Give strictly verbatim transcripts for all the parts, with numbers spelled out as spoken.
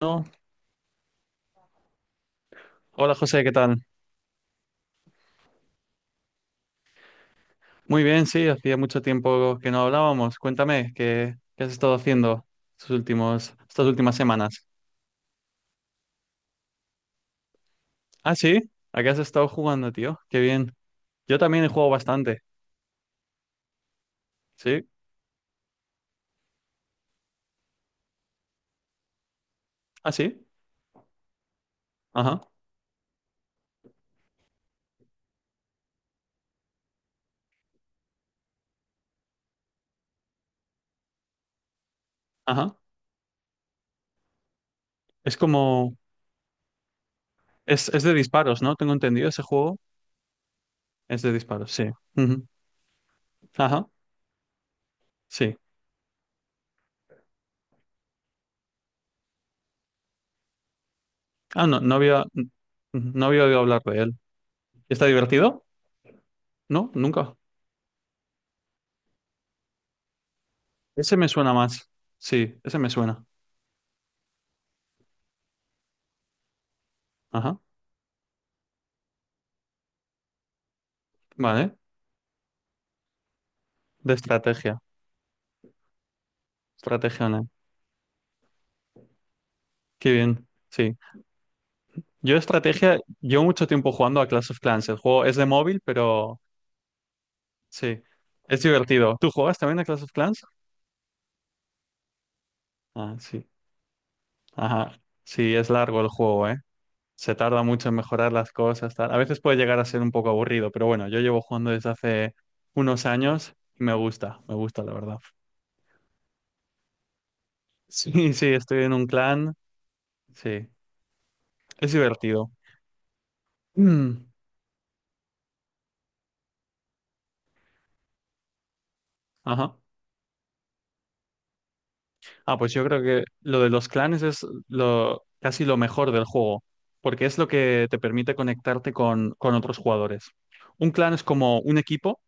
No. Hola José, ¿qué tal? Muy bien, sí, hacía mucho tiempo que no hablábamos. Cuéntame, ¿qué, qué has estado haciendo estos últimos, estas últimas semanas? Ah, sí, ¿a qué has estado jugando, tío? Qué bien. Yo también he jugado bastante, ¿sí? Ah, sí, ajá, ajá. Es como, es, es de disparos, ¿no? Tengo entendido, ese juego es de disparos, sí. Ujú. Ajá, sí. Ah, no, no había, no había oído hablar de él. ¿Está divertido? No, nunca. Ese me suena más. Sí, ese me suena. Ajá. Vale. De estrategia, estrategia online. Qué bien, sí. Yo estrategia, llevo mucho tiempo jugando a Clash of Clans. El juego es de móvil, pero sí, es divertido. ¿Tú juegas también a Clash of Clans? Ah, sí. Ajá. Sí, es largo el juego, ¿eh? Se tarda mucho en mejorar las cosas, tal. A veces puede llegar a ser un poco aburrido, pero bueno, yo llevo jugando desde hace unos años y me gusta, me gusta, la verdad. Sí, sí, estoy en un clan, sí. Es divertido. Mm. Ajá. Ah, pues yo creo que lo de los clanes es lo, casi lo mejor del juego, porque es lo que te permite conectarte con, con otros jugadores. Un clan es como un equipo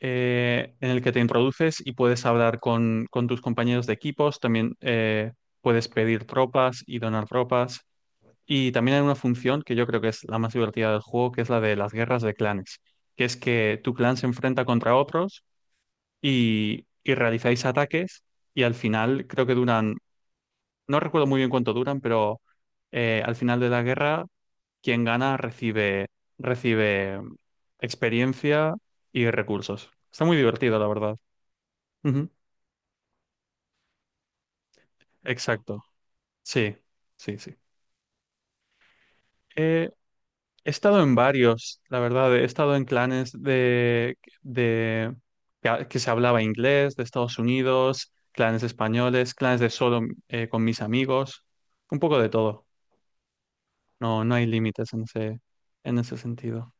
eh, en el que te introduces y puedes hablar con, con tus compañeros de equipos, también eh, puedes pedir tropas y donar tropas. Y también hay una función que yo creo que es la más divertida del juego, que es la de las guerras de clanes, que es que tu clan se enfrenta contra otros y, y realizáis ataques y al final creo que duran, no recuerdo muy bien cuánto duran, pero eh, al final de la guerra, quien gana recibe, recibe mm, experiencia y recursos. Está muy divertido, la verdad. Ujú. Exacto. Sí, sí, sí. Eh, he estado en varios, la verdad. He estado en clanes de, de que, que se hablaba inglés, de Estados Unidos, clanes españoles, clanes de solo eh, con mis amigos, un poco de todo. No, no hay límites en ese, en ese sentido.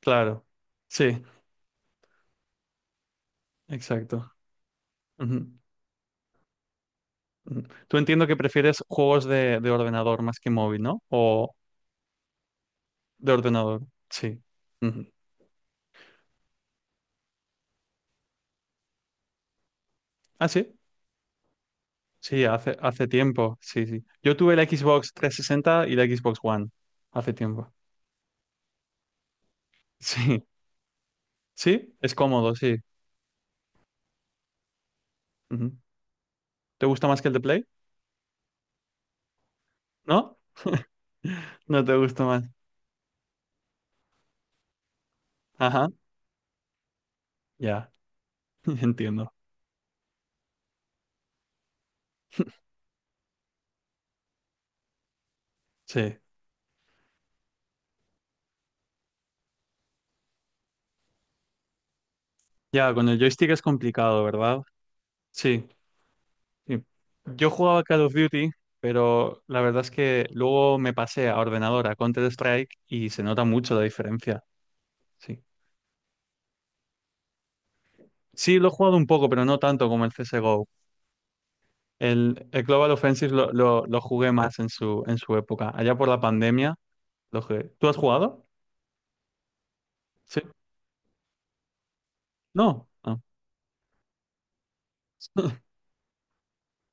Claro, sí, exacto. Ujú, ujú. Tú entiendo que prefieres juegos de, de ordenador más que móvil, ¿no? O de ordenador, sí. Ujú. Ah, sí, sí, hace, hace tiempo, sí, sí. Yo tuve la Xbox tres sesenta y la Xbox One hace tiempo. Sí, sí, es cómodo, sí. Ujú. ¿Te gusta más que el de Play? ¿No? No te gusta más. Ajá, ya, entiendo. Sí. Ya, con el joystick es complicado, ¿verdad? Sí. Sí. Yo jugaba Call of Duty, pero la verdad es que luego me pasé a ordenador, a Counter-Strike, y se nota mucho la diferencia. Sí. Sí, lo he jugado un poco, pero no tanto como el C S G O. El, el Global Offensive lo, lo- lo jugué más en su, en su época. Allá por la pandemia lo jugué. ¿Tú has jugado? Sí. No. Ah.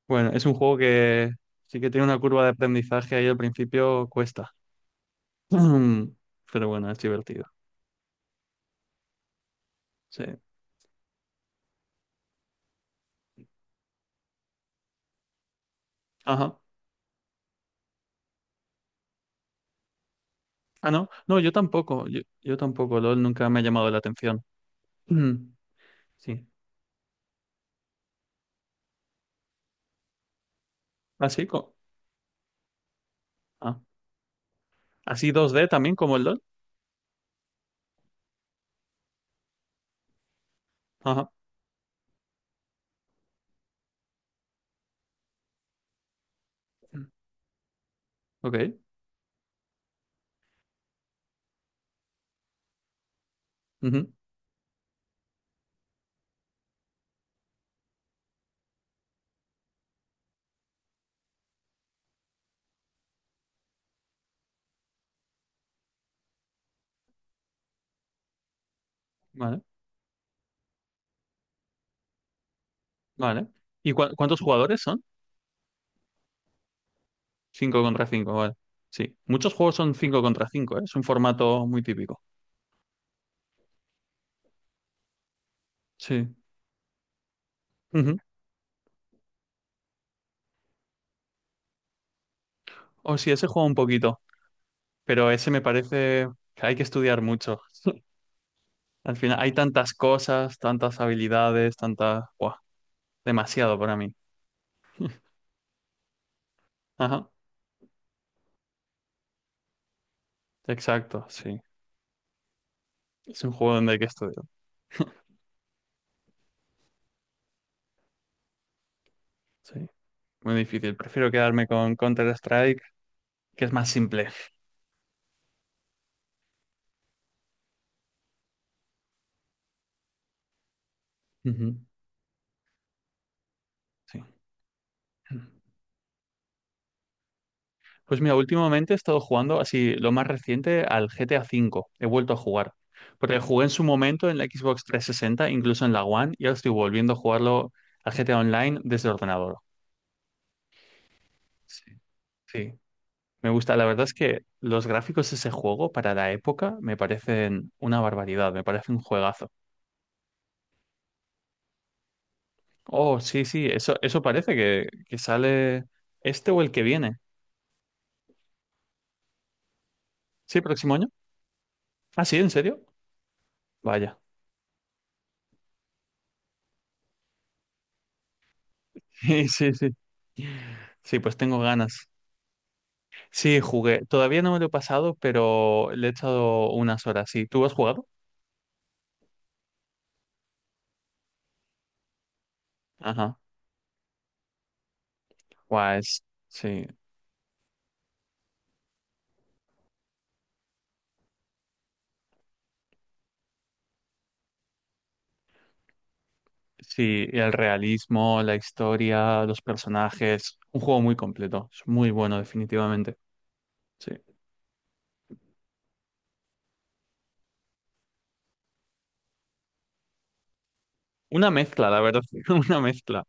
Bueno, es un juego que sí que tiene una curva de aprendizaje ahí al principio cuesta. Pero bueno, es divertido. Sí. Ajá. Ah, no, no, yo tampoco, yo, yo tampoco, LOL nunca me ha llamado la atención. Mm. Sí, así, co- ah, así dos d también como el LOL. Ajá, ok, ujú, vale, vale. ¿Y cua- cuántos jugadores son? Cinco contra cinco, vale. Sí, muchos juegos son cinco contra cinco. Es un formato muy típico. Sí, ujú. O sí, ese juego un poquito, pero ese me parece que hay que estudiar mucho. Al final hay tantas cosas, tantas habilidades, tantas, buah, demasiado para mí. Ajá, exacto, sí. Es un juego donde hay que estudiar. Sí. Muy difícil. Prefiero quedarme con Counter-Strike, que es más simple. Ujú. Sí. Pues mira, últimamente he estado jugando así lo más reciente al G T A five. He vuelto a jugar. Porque jugué en su momento en la Xbox tres sesenta, incluso en la One, y ahora estoy volviendo a jugarlo al G T A Online desde el ordenador. Sí. Sí. Me gusta. La verdad es que los gráficos de ese juego para la época me parecen una barbaridad. Me parece un juegazo. Oh, sí, sí, eso, eso parece que, que sale este o el que viene. ¿Sí, próximo año? Ah, sí, ¿en serio? Vaya. Sí, sí, sí. Sí, pues tengo ganas. Sí, jugué. Todavía no me lo he pasado, pero le he echado unas horas. Sí, ¿tú has jugado? Ajá. Guau, es- sí, sí, el realismo, la historia, los personajes. Un juego muy completo. Es muy bueno, definitivamente. Sí. Una mezcla, la verdad. Una mezcla.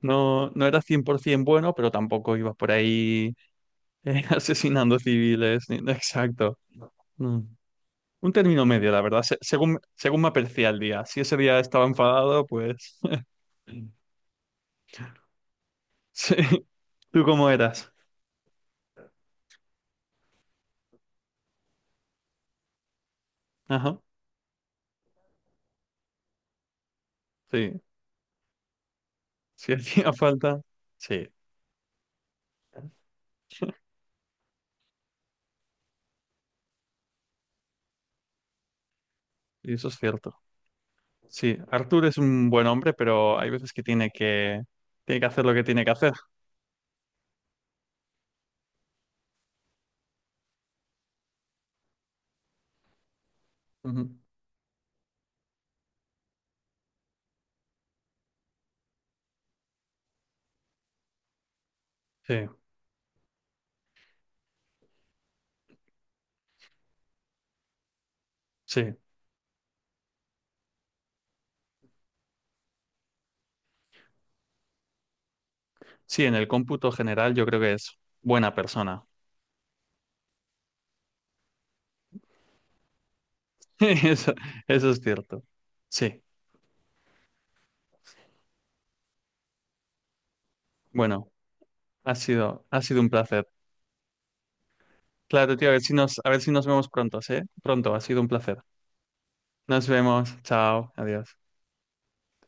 No, no era cien por ciento bueno, pero tampoco iba por ahí eh, asesinando civiles, ni- exacto. Mm. Un término medio, la verdad, se- según, según me apercibía el día. Si ese día estaba enfadado, pues sí. ¿Tú cómo eras? Ajá, sí. Si hacía falta, sí, y eso es cierto. Sí, Arthur es un buen hombre, pero hay veces que tiene que, tiene que hacer lo que tiene que hacer. Ujú. Sí, sí. Sí, en el cómputo general yo creo que es buena persona. Eso, eso es cierto. Sí, bueno, ha sido, ha sido un placer. Claro, tío, a ver si nos, a ver si nos vemos pronto, eh Pronto, ha sido un placer. Nos vemos, chao, adiós.